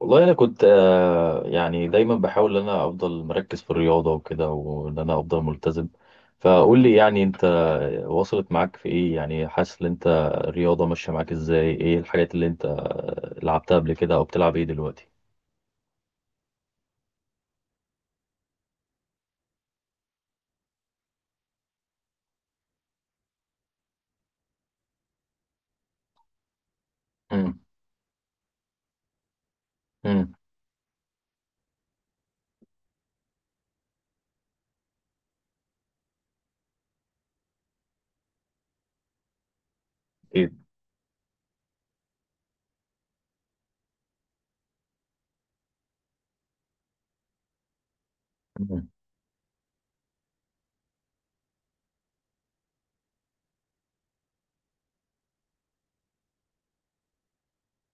والله انا كنت يعني دايما بحاول ان انا افضل مركز في الرياضه وكده وان انا افضل ملتزم. فقول لي يعني انت وصلت معاك في ايه، يعني حاسس ان انت الرياضه ماشيه معاك ازاي؟ ايه الحاجات اللي انت لعبتها قبل كده او بتلعب ايه دلوقتي؟ امم. امم. ايه. مم.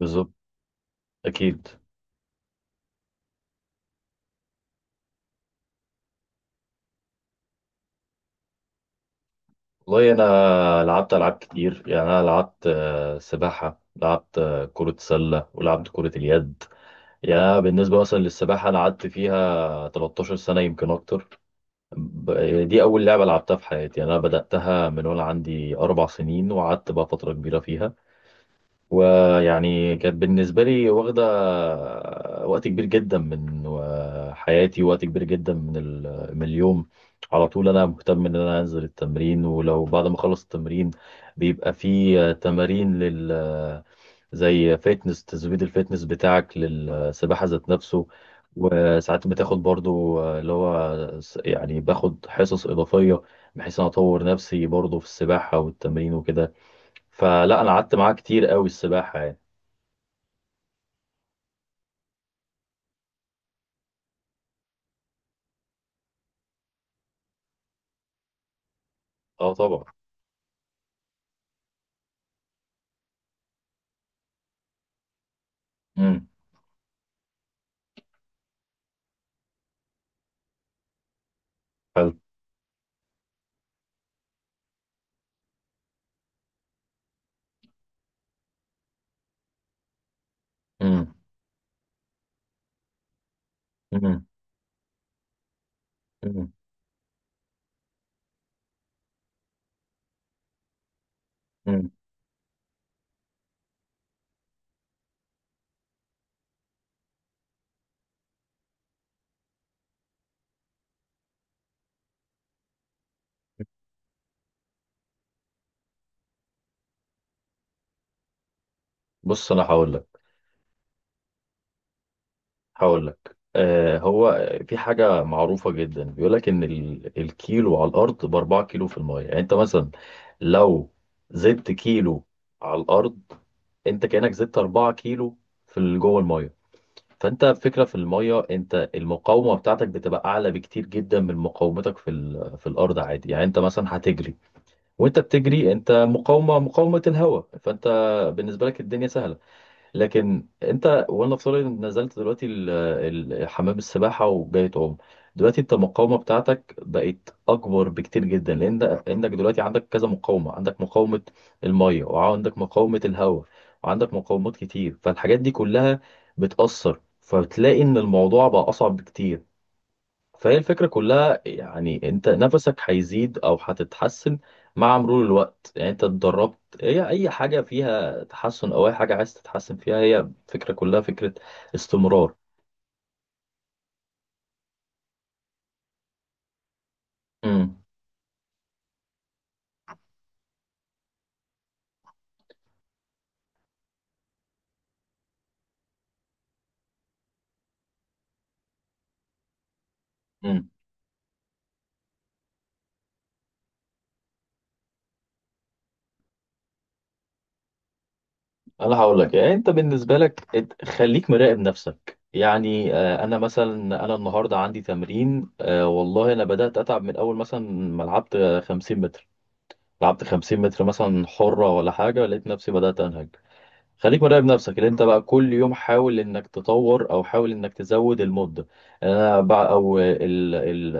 بالظبط. اكيد. والله انا لعبت العاب كتير، يعني انا لعبت سباحه، لعبت كره سله، ولعبت كره اليد. يعني أنا بالنسبه مثلا للسباحه انا قعدت فيها 13 سنه يمكن اكتر. دي أول لعبة لعبتها في حياتي، أنا بدأتها من وأنا عندي 4 سنين وقعدت بقى فترة كبيرة فيها. ويعني كانت بالنسبة لي واخدة وقت كبير جدا من حياتي، وقت كبير جدا من اليوم. على طول أنا مهتم إن أنا أنزل التمرين، ولو بعد ما أخلص التمرين بيبقى في تمارين لل، زي فيتنس تزويد الفيتنس بتاعك للسباحة ذات نفسه. وساعات بتاخد برضو اللي هو يعني باخد حصص إضافية بحيث أنا أطور نفسي برضو في السباحة والتمرين وكده. فلا أنا قعدت معاه كتير قوي السباحة يعني. اه طبعا. امم. حلو. امم. امم. امم. أمم. بص أنا هقول لك هو في حاجة معروفة جدا بيقول لك إن الكيلو على الأرض بـ 4 كيلو في المية، يعني أنت مثلا لو زدت كيلو على الأرض أنت كأنك زدت 4 كيلو في جوه المية. فأنت فكرة في المية أنت المقاومة بتاعتك بتبقى أعلى بكتير جدا من مقاومتك في الأرض عادي. يعني أنت مثلا هتجري وأنت بتجري أنت مقاومة الهواء، فأنت بالنسبة لك الدنيا سهلة. لكن انت وانا افترض انك نزلت دلوقتي حمام السباحه وجاي تعوم، دلوقتي انت المقاومه بتاعتك بقت اكبر بكتير جدا لان عندك دلوقتي عندك كذا مقاومه، عندك مقاومه الميه وعندك مقاومه الهواء وعندك مقاومات كتير. فالحاجات دي كلها بتاثر، فبتلاقي ان الموضوع بقى اصعب بكتير. فهي الفكرة كلها يعني انت نفسك هيزيد او هتتحسن مع مرور الوقت. يعني انت اتدربت، هي اي حاجة فيها تحسن او اي حاجة عايز تتحسن فيها هي الفكرة كلها فكرة استمرار. امم. امم. انا هقول لك، يعني انت بالنسبة لك خليك مراقب نفسك. يعني انا مثلا انا النهارده عندي تمرين، والله انا بدأت اتعب من اول مثلا ما لعبت 50 متر، لعبت 50 متر مثلا حرة ولا حاجة لقيت نفسي بدأت انهج. خليك مراقب نفسك اللي انت بقى كل يوم حاول انك تطور او حاول انك تزود المدة انا بقى او ال ال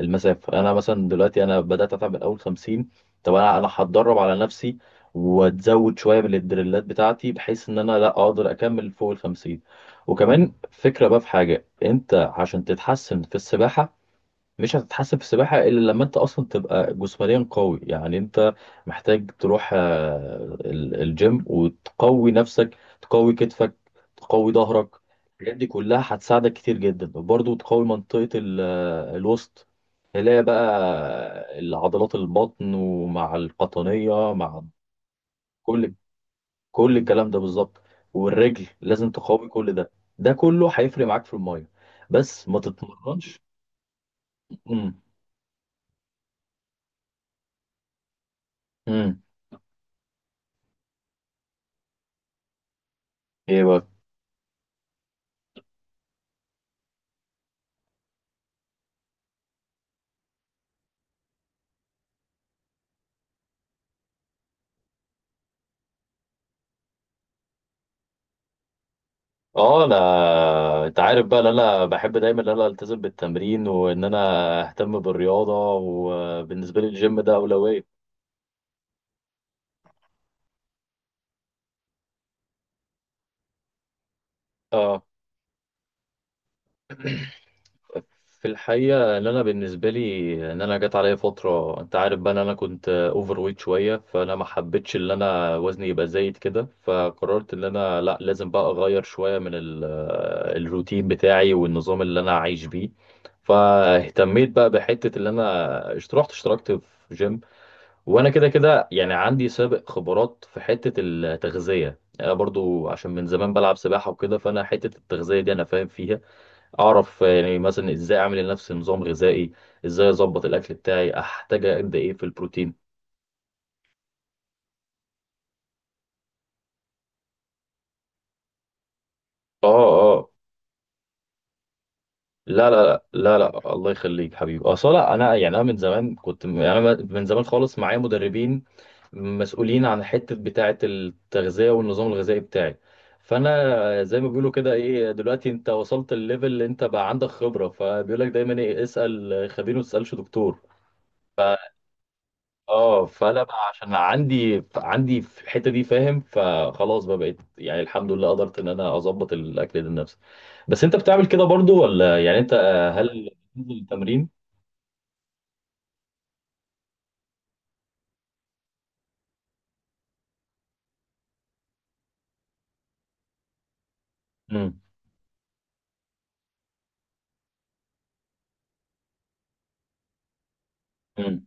المسافة. انا مثلا دلوقتي انا بدأت اتعب من اول 50. طب انا انا هتدرب على نفسي واتزود شوية من الدريلات بتاعتي بحيث ان انا لا اقدر اكمل فوق ال 50. وكمان فكرة بقى في حاجة انت عشان تتحسن في السباحة، مش هتتحسن في السباحة إلا لما أنت أصلا تبقى جسمانيا قوي. يعني أنت محتاج تروح الجيم وتقوي نفسك، تقوي كتفك، تقوي ظهرك. الحاجات دي كلها هتساعدك كتير جدا. وبرضه تقوي منطقة الوسط. تلاقي بقى العضلات البطن ومع القطنية مع كل كل الكلام ده بالظبط. والرجل لازم تقوي كل ده، ده كله هيفرق معاك في المية، بس ما تتمرنش. امم. امم. ايه بقى؟ اه. انت عارف بقى ان انا بحب دايما ان انا التزم بالتمرين وان انا اهتم بالرياضه، وبالنسبه لي الجيم ده اولويه. اه، في الحقيقه ان انا بالنسبه لي ان انا جت عليا فتره انت عارف بقى ان انا كنت اوفر ويت شويه، فانا ما حبيتش ان انا وزني يبقى زايد كده، فقررت ان انا لا لازم بقى اغير شويه من الروتين بتاعي والنظام اللي انا عايش بيه. فاهتميت بقى بحته اللي انا رحت اشتركت في جيم. وانا كده كده يعني عندي سابق خبرات في حته التغذيه، يعني انا برضو عشان من زمان بلعب سباحه وكده، فانا حته التغذيه دي انا فاهم فيها. اعرف يعني مثلا ازاي اعمل لنفسي نظام غذائي، ازاي اظبط الاكل بتاعي، احتاج قد ايه في البروتين. اه. اه. لا لا لا لا لا، الله يخليك حبيبي، اصل لا انا يعني انا من زمان كنت يعني انا من زمان خالص معايا مدربين مسؤولين عن حته بتاعه التغذيه والنظام الغذائي بتاعي. فانا زي ما بيقولوا كده، ايه دلوقتي انت وصلت الليفل اللي انت بقى عندك خبره، فبيقول لك دايما ايه، اسال خبير ما تسالش دكتور. اه، فانا بقى عشان عندي في الحته دي فاهم، فخلاص بقى بقيت يعني الحمد لله قدرت ان انا اظبط الاكل ده لنفسي. بس انت بتعمل كده برضو ولا؟ يعني انت هل بتنزل التمرين؟ امم. امم.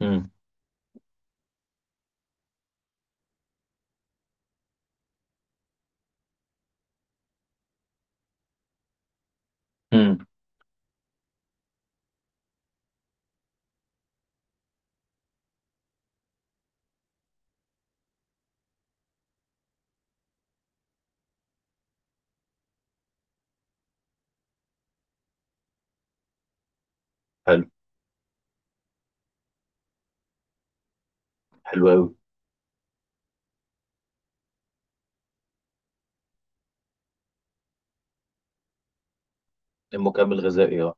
امم. امم. حلو. حلو قوي. المكمل الغذائي، اه.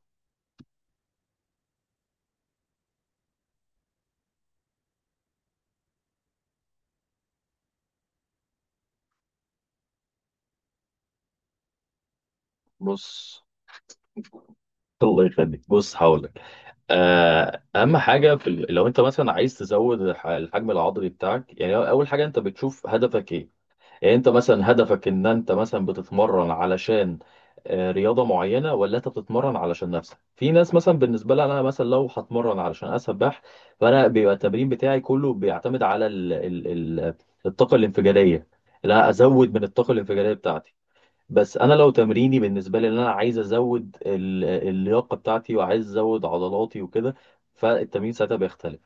بص. الله يخليك، بص هقول لك. اهم حاجه في لو انت مثلا عايز تزود الحجم العضلي بتاعك، يعني اول حاجه انت بتشوف هدفك ايه. يعني انت مثلا هدفك ان انت مثلا بتتمرن علشان رياضة معينة، ولا انت بتتمرن علشان نفسك. في ناس مثلا بالنسبة لها انا مثلا لو هتمرن علشان اسبح، فانا بيبقى التمرين بتاعي كله بيعتمد على ال ال ال الطاقة الانفجارية. لا ازود من الطاقة الانفجارية بتاعتي. بس انا لو تمريني بالنسبة لي ان انا عايز ازود اللياقة بتاعتي وعايز ازود عضلاتي وكده، فالتمرين ساعتها بيختلف.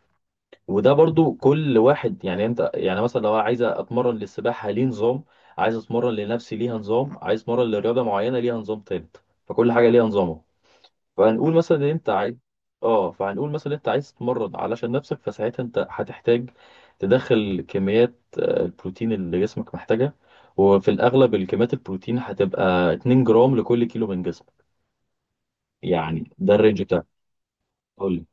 وده برضو كل واحد، يعني انت يعني مثلا لو عايز اتمرن للسباحه ليه نظام، عايز اتمرن لنفسي ليها نظام، عايز اتمرن لرياضه معينه ليها نظام تالت، فكل حاجه ليها نظامها. فهنقول مثلا ان انت عايز، اه فهنقول مثلا انت عايز تتمرن علشان نفسك، فساعتها انت هتحتاج تدخل كميات البروتين اللي جسمك محتاجها. وفي الاغلب الكميات البروتين هتبقى 2 جرام لكل كيلو من جسمك، يعني ده الرينج بتاعك. قول لي.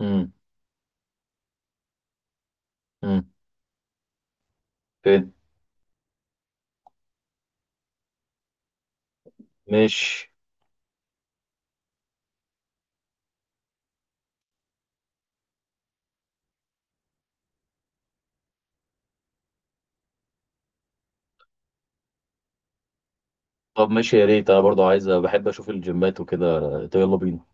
امم. امم. فين؟ ماشي. طب ماشي، يا ريت انا برضو عايز بحب اشوف الجيمات وكده. طيب يلا بينا.